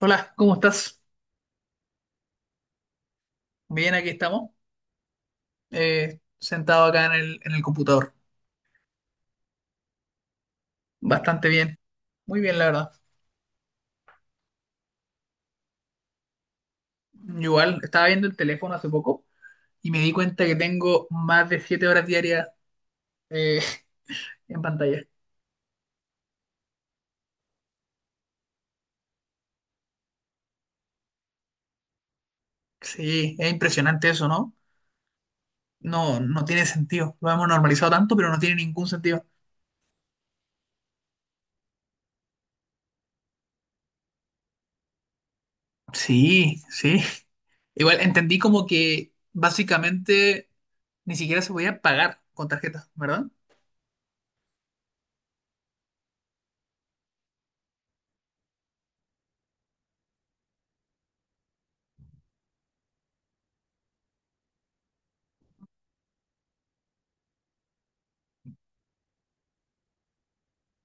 Hola, ¿cómo estás? Bien, aquí estamos. Sentado acá en en el computador. Bastante bien. Muy bien, la verdad. Igual, estaba viendo el teléfono hace poco y me di cuenta que tengo más de siete horas diarias eh, en pantalla. Sí, es impresionante eso, ¿no? No tiene sentido. Lo hemos normalizado tanto, pero no tiene ningún sentido. Sí, sí. Igual entendí como que básicamente ni siquiera se podía pagar con tarjeta, ¿verdad?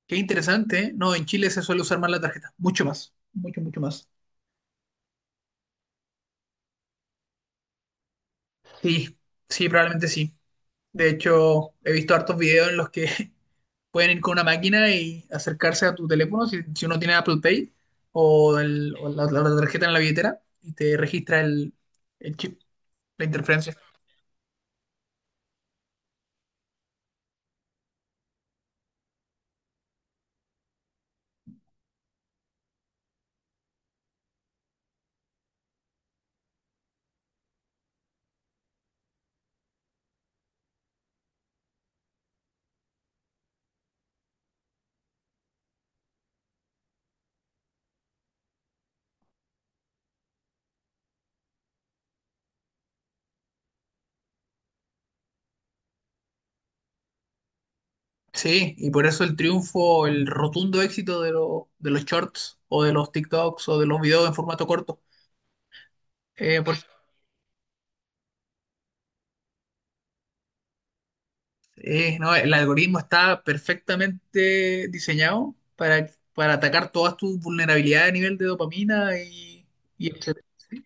Qué interesante, ¿eh? No, en Chile se suele usar más la tarjeta, mucho más, mucho, mucho más. Sí, sí, probablemente sí. De hecho, he visto hartos videos en los que pueden ir con una máquina y acercarse a tu teléfono, si uno tiene Apple Pay o, la tarjeta en la billetera, y te registra el chip, la interferencia. Sí, y por eso el triunfo, el rotundo éxito de los shorts o de los TikToks o de los videos en formato corto. Eh, por- no, el algoritmo está perfectamente diseñado para atacar todas tus vulnerabilidades a nivel de dopamina y etcétera. ¿Sí?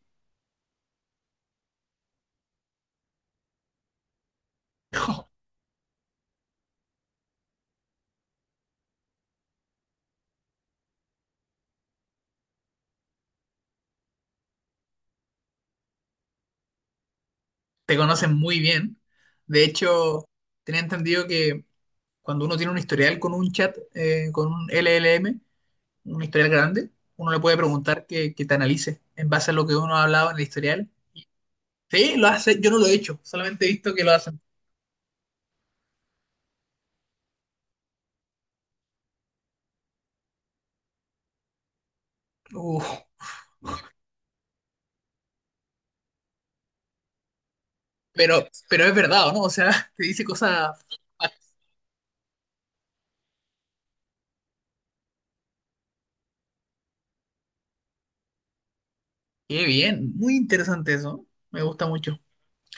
Te conocen muy bien. De hecho, tenía entendido que cuando uno tiene un historial con un chat, con un LLM, un historial grande, uno le puede preguntar que te analice en base a lo que uno ha hablado en el historial. Sí, lo hace, yo no lo he hecho, solamente he visto que lo hacen. Uf, pero, pero es verdad, ¿o no? O sea, te dice cosas. Qué bien, muy interesante eso. Me gusta mucho.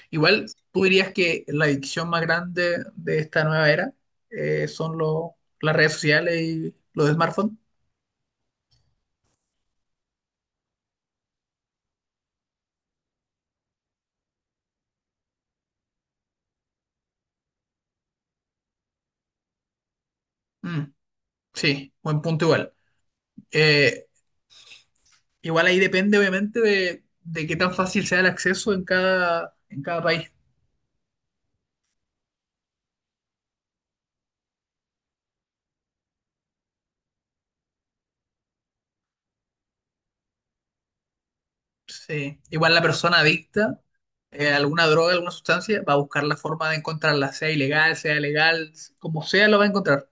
Igual, ¿tú dirías que la adicción más grande de esta nueva era son las redes sociales y los smartphones? Mm, sí, buen punto igual. Eh, Igual ahí depende obviamente de qué tan fácil sea el acceso en en cada país. Sí. Igual la persona adicta a alguna droga, alguna sustancia, va a buscar la forma de encontrarla, sea ilegal, sea legal, como sea, lo va a encontrar.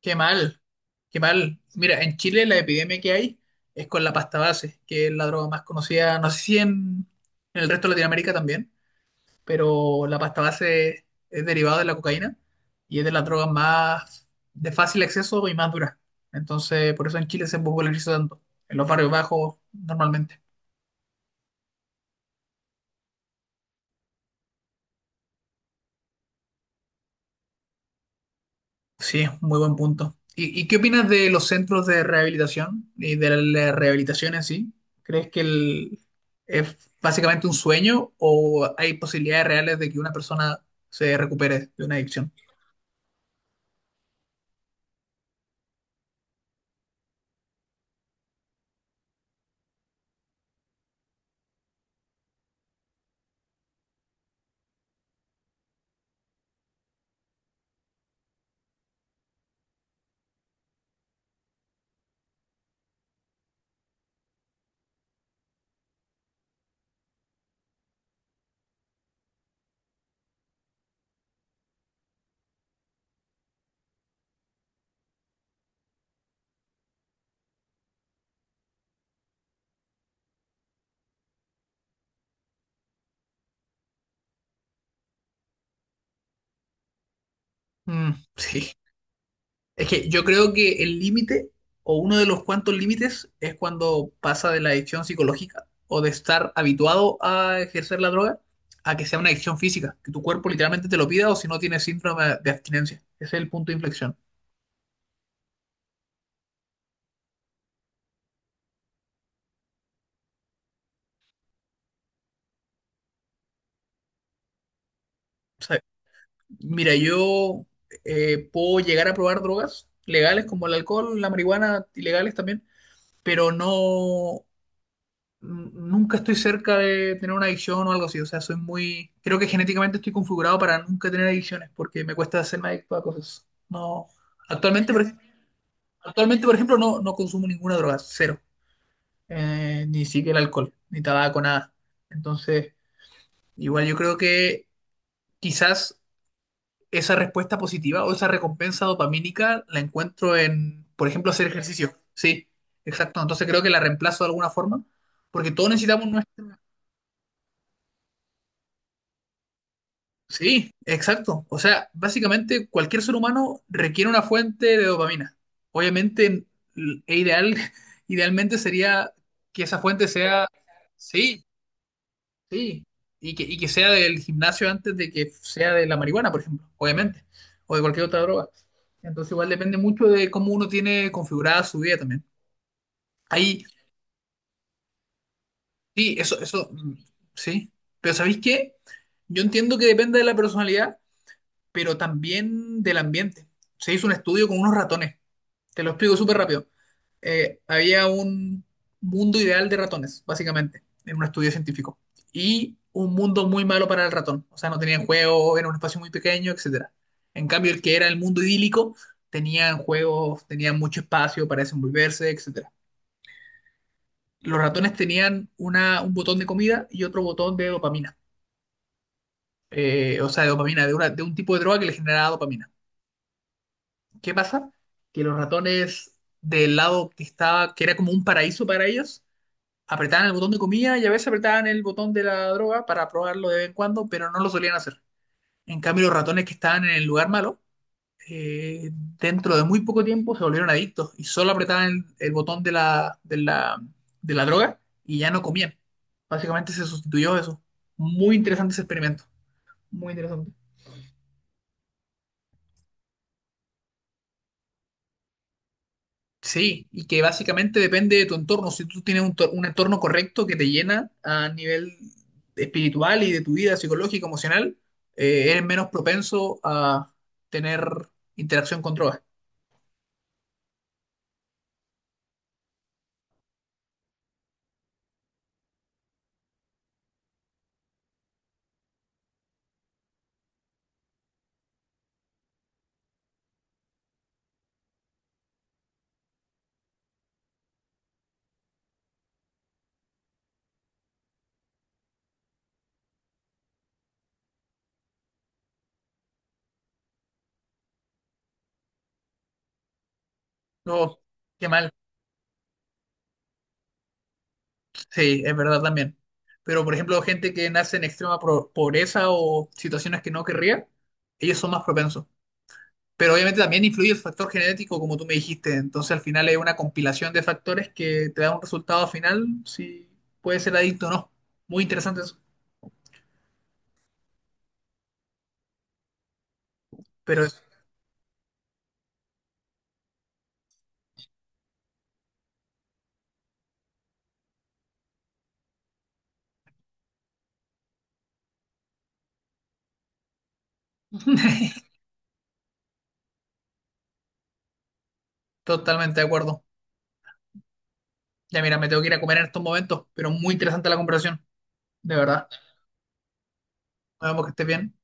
Qué mal, qué mal. Mira, en Chile la epidemia que hay es con la pasta base, que es la droga más conocida, no sé si en el resto de Latinoamérica también, pero la pasta base es derivada de la cocaína y es de las drogas más de fácil acceso y más duras. Entonces, por eso en Chile se populariza tanto, en los barrios bajos normalmente. Sí, muy buen punto. ¿Y qué opinas de los centros de rehabilitación y de la rehabilitación en sí? ¿Crees que es básicamente un sueño o hay posibilidades reales de que una persona se recupere de una adicción? Mm, sí. Es que yo creo que el límite o uno de los cuantos límites es cuando pasa de la adicción psicológica o de estar habituado a ejercer la droga a que sea una adicción física, que tu cuerpo literalmente te lo pida o si no tienes síndrome de abstinencia. Ese es el punto de inflexión. Mira, yo puedo llegar a probar drogas legales como el alcohol, la marihuana, ilegales también, pero no, nunca estoy cerca de tener una adicción o algo así. O sea, soy muy, creo que genéticamente estoy configurado para nunca tener adicciones porque me cuesta hacerme adicto a cosas. No, actualmente, por, ej- Actualmente, por ejemplo, no consumo ninguna droga, cero. Ni siquiera el alcohol, ni tabaco, nada. Entonces, igual yo creo que quizás esa respuesta positiva o esa recompensa dopamínica la encuentro en, por ejemplo, hacer ejercicio. Sí, exacto. Entonces creo que la reemplazo de alguna forma, porque todos necesitamos nuestra... Sí, exacto. O sea, básicamente cualquier ser humano requiere una fuente de dopamina. Obviamente, ideal, idealmente sería que esa fuente sea... Sí, sí, y que sea del gimnasio antes de que sea de la marihuana, por ejemplo, obviamente, o de cualquier otra droga. Entonces igual depende mucho de cómo uno tiene configurada su vida también. Ahí, sí, eso, eso, mm, sí. Pero ¿sabéis qué? Yo entiendo que depende de la personalidad, pero también del ambiente. Se hizo un estudio con unos ratones. Te lo explico súper rápido. Había un mundo ideal de ratones, básicamente, en un estudio científico. Y un mundo muy malo para el ratón. O sea, no tenían juego, era un espacio muy pequeño, etcétera. En cambio, el que era el mundo idílico, tenían juegos, tenían mucho espacio para desenvolverse, etcétera. Los ratones tenían un botón de comida y otro botón de dopamina. O sea, de dopamina, de un tipo de droga que le generaba dopamina. ¿Qué pasa? Que los ratones del lado que era como un paraíso para ellos, apretaban el botón de comida y a veces apretaban el botón de la droga para probarlo de vez en cuando, pero no lo solían hacer. En cambio, los ratones que estaban en el lugar malo, eh, dentro de muy poco tiempo se volvieron adictos y solo apretaban el botón de de la droga y ya no comían. Básicamente se sustituyó eso. Muy interesante ese experimento. Muy interesante. Sí, y que básicamente depende de tu entorno. Si tú tienes un entorno correcto que te llena a nivel espiritual y de tu vida psicológica, emocional, eres menos propenso a tener interacción con drogas. No, qué mal. Sí, es verdad también. Pero, por ejemplo, gente que nace en extrema pobreza o situaciones que no querría, ellos son más propensos. Pero obviamente también influye el factor genético, como tú me dijiste. Entonces, al final es una compilación de factores que te da un resultado final, si puede ser adicto o no. Muy interesante eso. Pero eso. Totalmente de acuerdo. Ya mira, me tengo que ir a comer en estos momentos, pero muy interesante la conversación. De verdad. Nos vemos, que estés bien.